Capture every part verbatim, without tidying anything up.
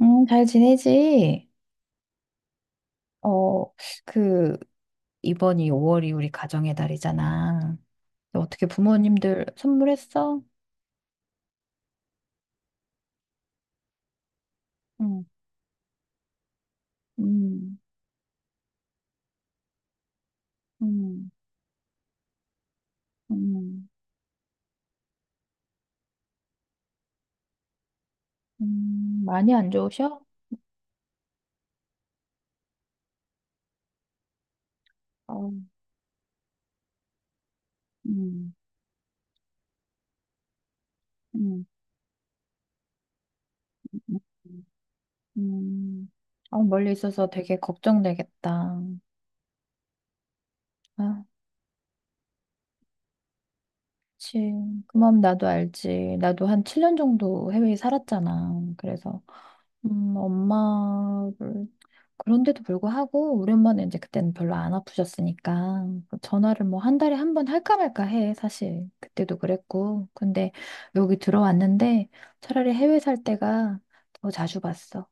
음, 잘 지내지? 어, 그, 이번이 오월이 우리 가정의 달이잖아. 어떻게 부모님들 선물했어? 응, 음, 응, 응. 음, 많이 안 좋으셔? 어, 응, 응, 음. 응. 아, 멀리 있어서 되게 걱정되겠다. 아, 그치. 그 마음 나도 알지. 나도 한 칠 년 정도 해외에 살았잖아. 그래서. 음, 엄마를 그런데도 불구하고 우리 엄마는 이제 그때는 별로 안 아프셨으니까 그 전화를 뭐 한 달에 한 번 할까 말까 해 사실 그때도 그랬고, 근데 여기 들어왔는데 차라리 해외 살 때가 더 자주 봤어.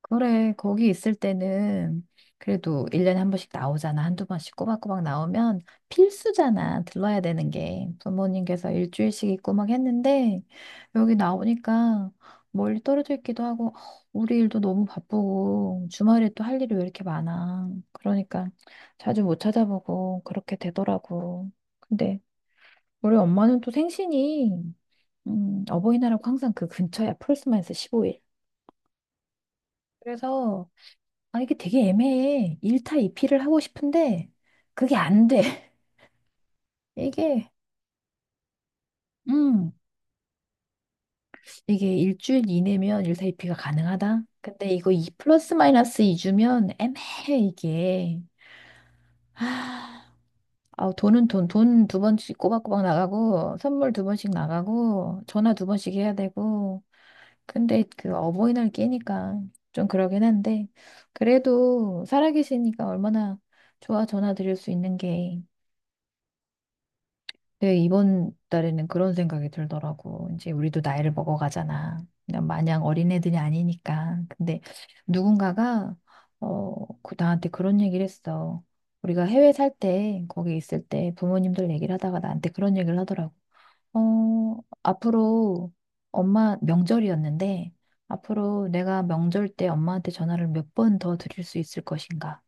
그래, 거기 있을 때는 그래도 일 년에 한 번씩 나오잖아. 한두 번씩 꼬박꼬박 나오면 필수잖아. 들러야 되는 게. 부모님께서 일주일씩 있고막 했는데, 여기 나오니까 멀리 떨어져 있기도 하고, 어, 우리 일도 너무 바쁘고, 주말에 또 할 일이 왜 이렇게 많아. 그러니까 자주 못 찾아보고 그렇게 되더라고. 근데 우리 엄마는 또 생신이 음, 어버이날하고 항상 그 근처야. 폴스만에서 십오 일. 그래서 아, 이게 되게 애매해. 일 타 이 피를 하고 싶은데, 그게 안 돼. 이게, 음, 이게 일주일 이내면 일 타 이 피가 가능하다? 근데 이거 이 플러스 마이너스 이 주면 애매해, 이게. 아, 아우, 돈은 돈, 돈 두 번씩 꼬박꼬박 나가고, 선물 두 번씩 나가고, 전화 두 번씩 해야 되고. 근데 그 어버이날 끼니까 좀 그러긴 한데, 그래도 살아계시니까 얼마나 좋아, 전화 드릴 수 있는 게. 네, 이번 달에는 그런 생각이 들더라고. 이제 우리도 나이를 먹어가잖아. 그냥 마냥 어린애들이 아니니까. 근데 누군가가, 어, 그- 나한테 그런 얘기를 했어. 우리가 해외 살 때, 거기 있을 때 부모님들 얘기를 하다가 나한테 그런 얘기를 하더라고. 어, 앞으로 엄마 명절이었는데, 앞으로 내가 명절 때 엄마한테 전화를 몇 번 더 드릴 수 있을 것인가?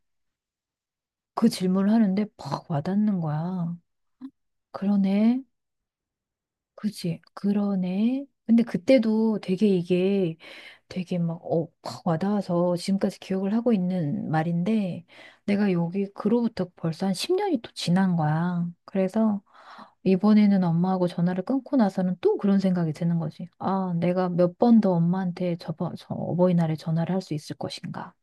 그 질문을 하는데 퍽 와닿는 거야. 그러네. 그치, 그러네. 근데 그때도 되게 이게 되게 막, 어, 확 와닿아서 지금까지 기억을 하고 있는 말인데, 내가 여기 그로부터 벌써 한 십 년이 또 지난 거야. 그래서 이번에는 엄마하고 전화를 끊고 나서는 또 그런 생각이 드는 거지. 아, 내가 몇 번 더 엄마한테 저번, 저 어버이날에 전화를 할 수 있을 것인가.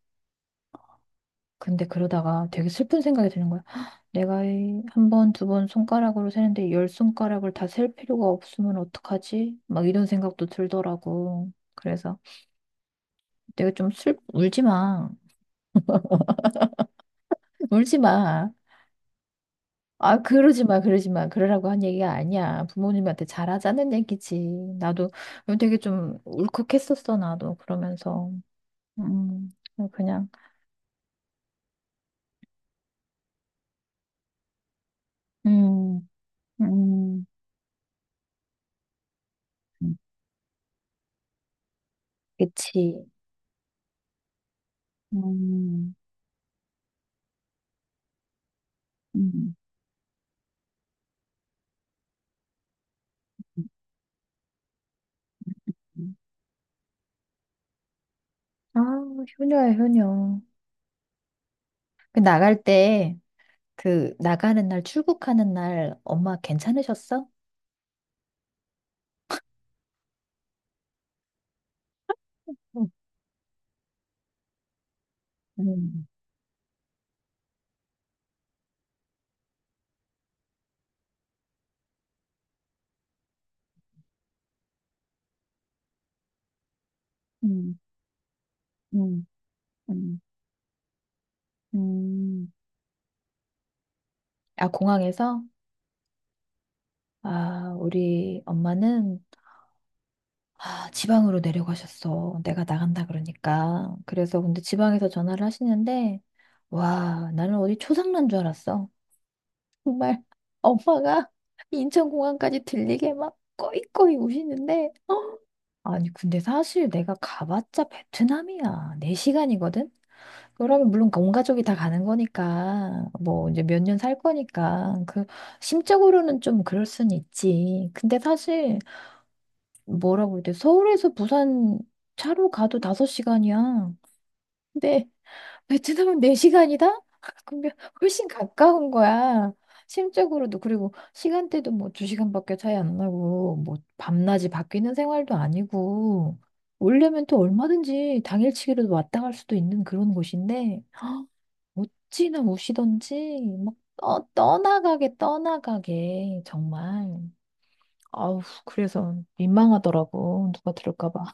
근데 그러다가 되게 슬픈 생각이 드는 거야. "헉, 내가 이 한 번, 두 번 손가락으로 세는데 열 손가락을 다 셀 필요가 없으면 어떡하지?" 막 이런 생각도 들더라고. 그래서 내가 좀 슬, 울지 마. 울지 마. 아, 그러지 마, 그러지 마. 그러라고 한 얘기가 아니야. 부모님한테 잘하자는 얘기지. 나도 되게 좀 울컥했었어, 나도. 그러면서. 음, 그냥, 음, 음, 그치. 음, 음, 음. 아, 효녀야, 효녀. 그 나갈 때, 그, 나가는 날, 출국하는 날, 엄마 괜찮으셨어? 응. 음, 음, 음, 음, 음. 아, 공항에서? 아, 우리 엄마는, 아, 지방으로 내려가셨어. 내가 나간다 그러니까. 그래서 근데 지방에서 전화를 하시는데, 와, 나는 어디 초상난 줄 알았어. 정말 엄마가 인천공항까지 들리게 막 꺼이꺼이 우시는데, 아니, 근데 사실 내가 가봤자 베트남이야. 네 시간이거든? 그러면 물론 온 가족이 다 가는 거니까, 뭐 이제 몇 년 살 거니까, 그, 심적으로는 좀 그럴 순 있지. 근데 사실, 뭐라고 해야 돼? 서울에서 부산 차로 가도 다섯 시간이야. 근데 베트남은 네 시간이다? 그럼 훨씬 가까운 거야. 심적으로도, 그리고 시간대도 뭐 두 시간밖에 차이 안 나고, 뭐 밤낮이 바뀌는 생활도 아니고, 오려면 또 얼마든지 당일치기로도 왔다 갈 수도 있는 그런 곳인데 어찌나 우시던지 막 떠, 떠나가게 떠나가게 정말. 아우, 그래서 민망하더라고, 누가 들을까 봐.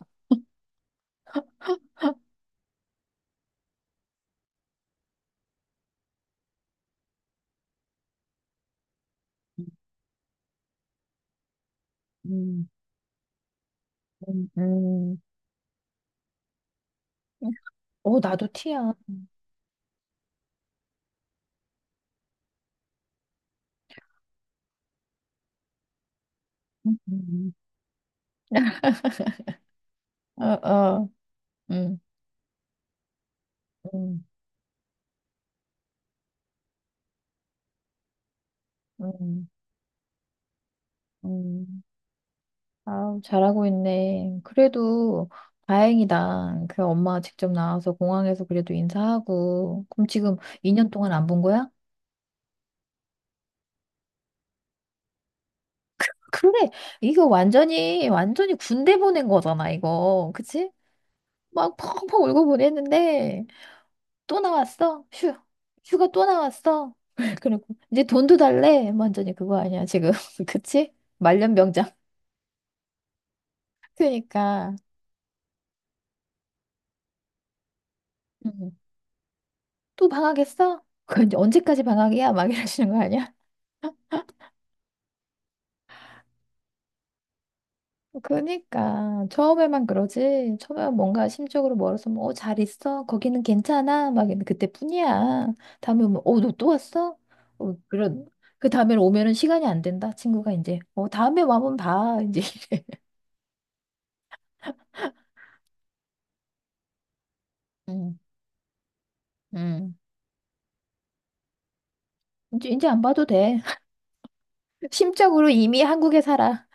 음, 음, 음. 어, 나도 티야. 음, 음, 음. 어, 어, 응, 응, 응, 응. 아, 잘하고 있네. 그래도 다행이다. 그 엄마가 직접 나와서 공항에서 그래도 인사하고. 그럼 지금 이 년 동안 안 본 거야? 그래. 이거 완전히, 완전히 군대 보낸 거잖아, 이거. 그치? 막 펑펑 울고 보냈는데 또 나왔어. 휴, 휴가 또 나왔어. 그리고 이제 돈도 달래. 완전히 그거 아니야, 지금. 그치? 말년병장. 그니까 또 방학했어? 그 이제 언제까지 방학이야? 막 이러시는 거 아니야? 그러니까 처음에만 그러지. 처음에 뭔가 심적으로 멀어서 뭐, 어, 잘 있어? 거기는 괜찮아? 막 이러면 그때뿐이야. 다음에 오면 어, 너 또 왔어? 어, 그런 그 다음에 오면은 시간이 안 된다. 친구가 이제 어, 다음에 와면 봐. 이제 이래. 음, 음. 이제 이제 안 봐도 돼. 심적으로 이미 한국에 살아.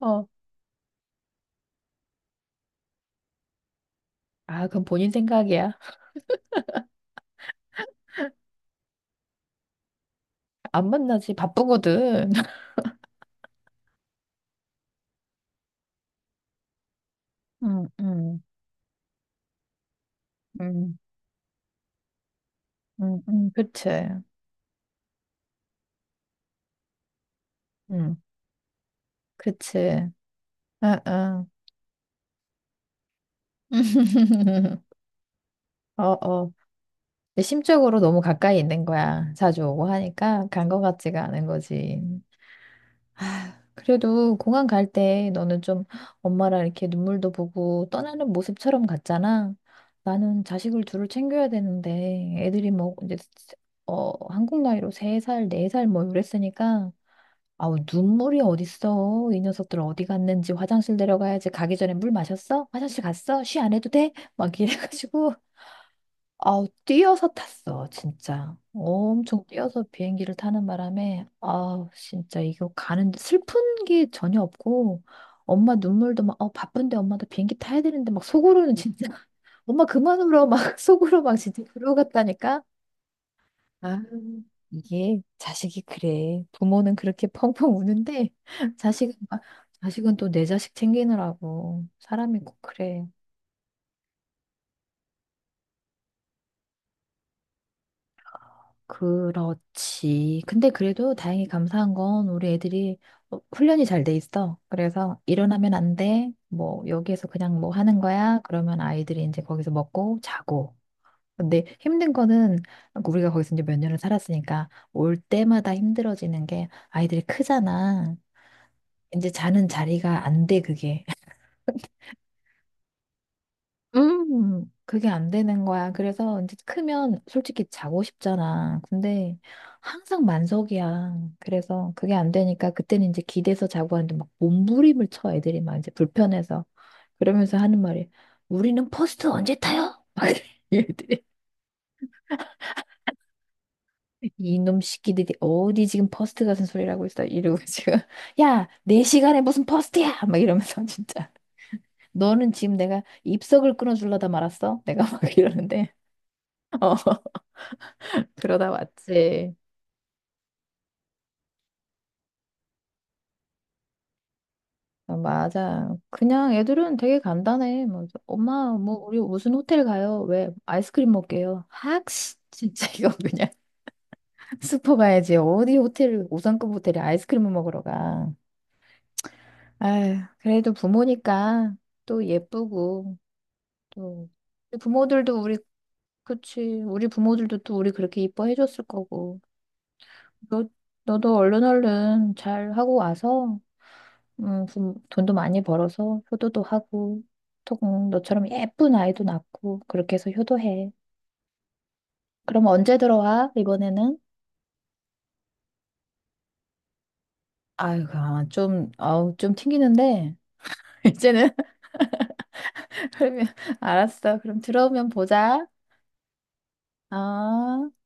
어. 아, 그건 본인 생각이야. 안 만나지. 바쁘거든. 음, 음, 음, 음, 음, 그치. 응, 그치. 응, 응. 어, 어. 근데 심적으로 너무 가까이 있는 거야. 자주 오고 하니까 간 거 같지가 않은 거지. 그래도 공항 갈 때 너는 좀 엄마랑 이렇게 눈물도 보고 떠나는 모습처럼 갔잖아. 나는 자식을 둘을 챙겨야 되는데 애들이 뭐 이제 어, 한국 나이로 세살네 살네살뭐 이랬으니까. 아우, 눈물이 어딨어. 이 녀석들 어디 갔는지, 화장실 내려가야지. 가기 전에 물 마셨어? 화장실 갔어? 쉬 안 해도 돼? 막 이래가지고. 아우, 뛰어서 탔어, 진짜. 엄청 뛰어서 비행기를 타는 바람에, 아우, 진짜 이거 가는, 슬픈 게 전혀 없고, 엄마 눈물도 막, 어, 바쁜데, 엄마 도 비행기 타야 되는데. 막 속으로는 진짜, 엄마 그만 울어, 막 속으로 막 진짜 그러고 갔다니까? 아, 이게 자식이 그래. 부모는 그렇게 펑펑 우는데 자식은 막- 자식은 또 내 자식 챙기느라고. 사람이 꼭 그래. 그렇지. 근데 그래도 다행히 감사한 건 우리 애들이 어, 훈련이 잘 돼 있어. 그래서 일어나면 안 돼. 뭐 여기에서 그냥 뭐 하는 거야. 그러면 아이들이 이제 거기서 먹고 자고. 근데 힘든 거는 우리가 거기서 이제 몇 년을 살았으니까 올 때마다 힘들어지는 게, 아이들이 크잖아. 이제 자는 자리가 안 돼, 그게. 음, 그게 안 되는 거야. 그래서 이제 크면 솔직히 자고 싶잖아. 근데 항상 만석이야. 그래서 그게 안 되니까 그때는 이제 기대서 자고 하는데, 막 몸부림을 쳐 애들이, 막 이제 불편해서. 그러면서 하는 말이, 우리는 퍼스트 언제 타요? 막 이래, 얘들이. 이놈 새끼들이 어디 지금 퍼스트 같은 소리라고 있어 이러고 지금. 야, 내 시간에 무슨 퍼스트야? 막 이러면서 진짜. 너는 지금 내가 입석을 끊어주려다 말았어? 내가 막 이러는데. 어, 그러다 왔지. 어, 맞아. 그냥 애들은 되게 간단해. 뭐, 엄마, 뭐, 우리 무슨 호텔 가요? 왜? 아이스크림 먹게요. 학씨. 진짜 이거 그냥 슈퍼 가야지. 어디 호텔, 오 성급 호텔에 아이스크림을 먹으러 가. 아휴, 그래도 부모니까 또 예쁘고, 또. 우리 부모들도 우리, 그치. 우리 부모들도 또 우리 그렇게 이뻐해줬을 거고. 너, 너도 얼른 얼른 잘 하고 와서, 음, 부- 돈도 많이 벌어서 효도도 하고, 또 음, 너처럼 예쁜 아이도 낳고, 그렇게 해서 효도해. 그럼 언제 들어와, 이번에는? 아유, 아, 좀, 아우, 좀 튕기는데. 이제는. 그러면, 알았어. 그럼 들어오면 보자. 아.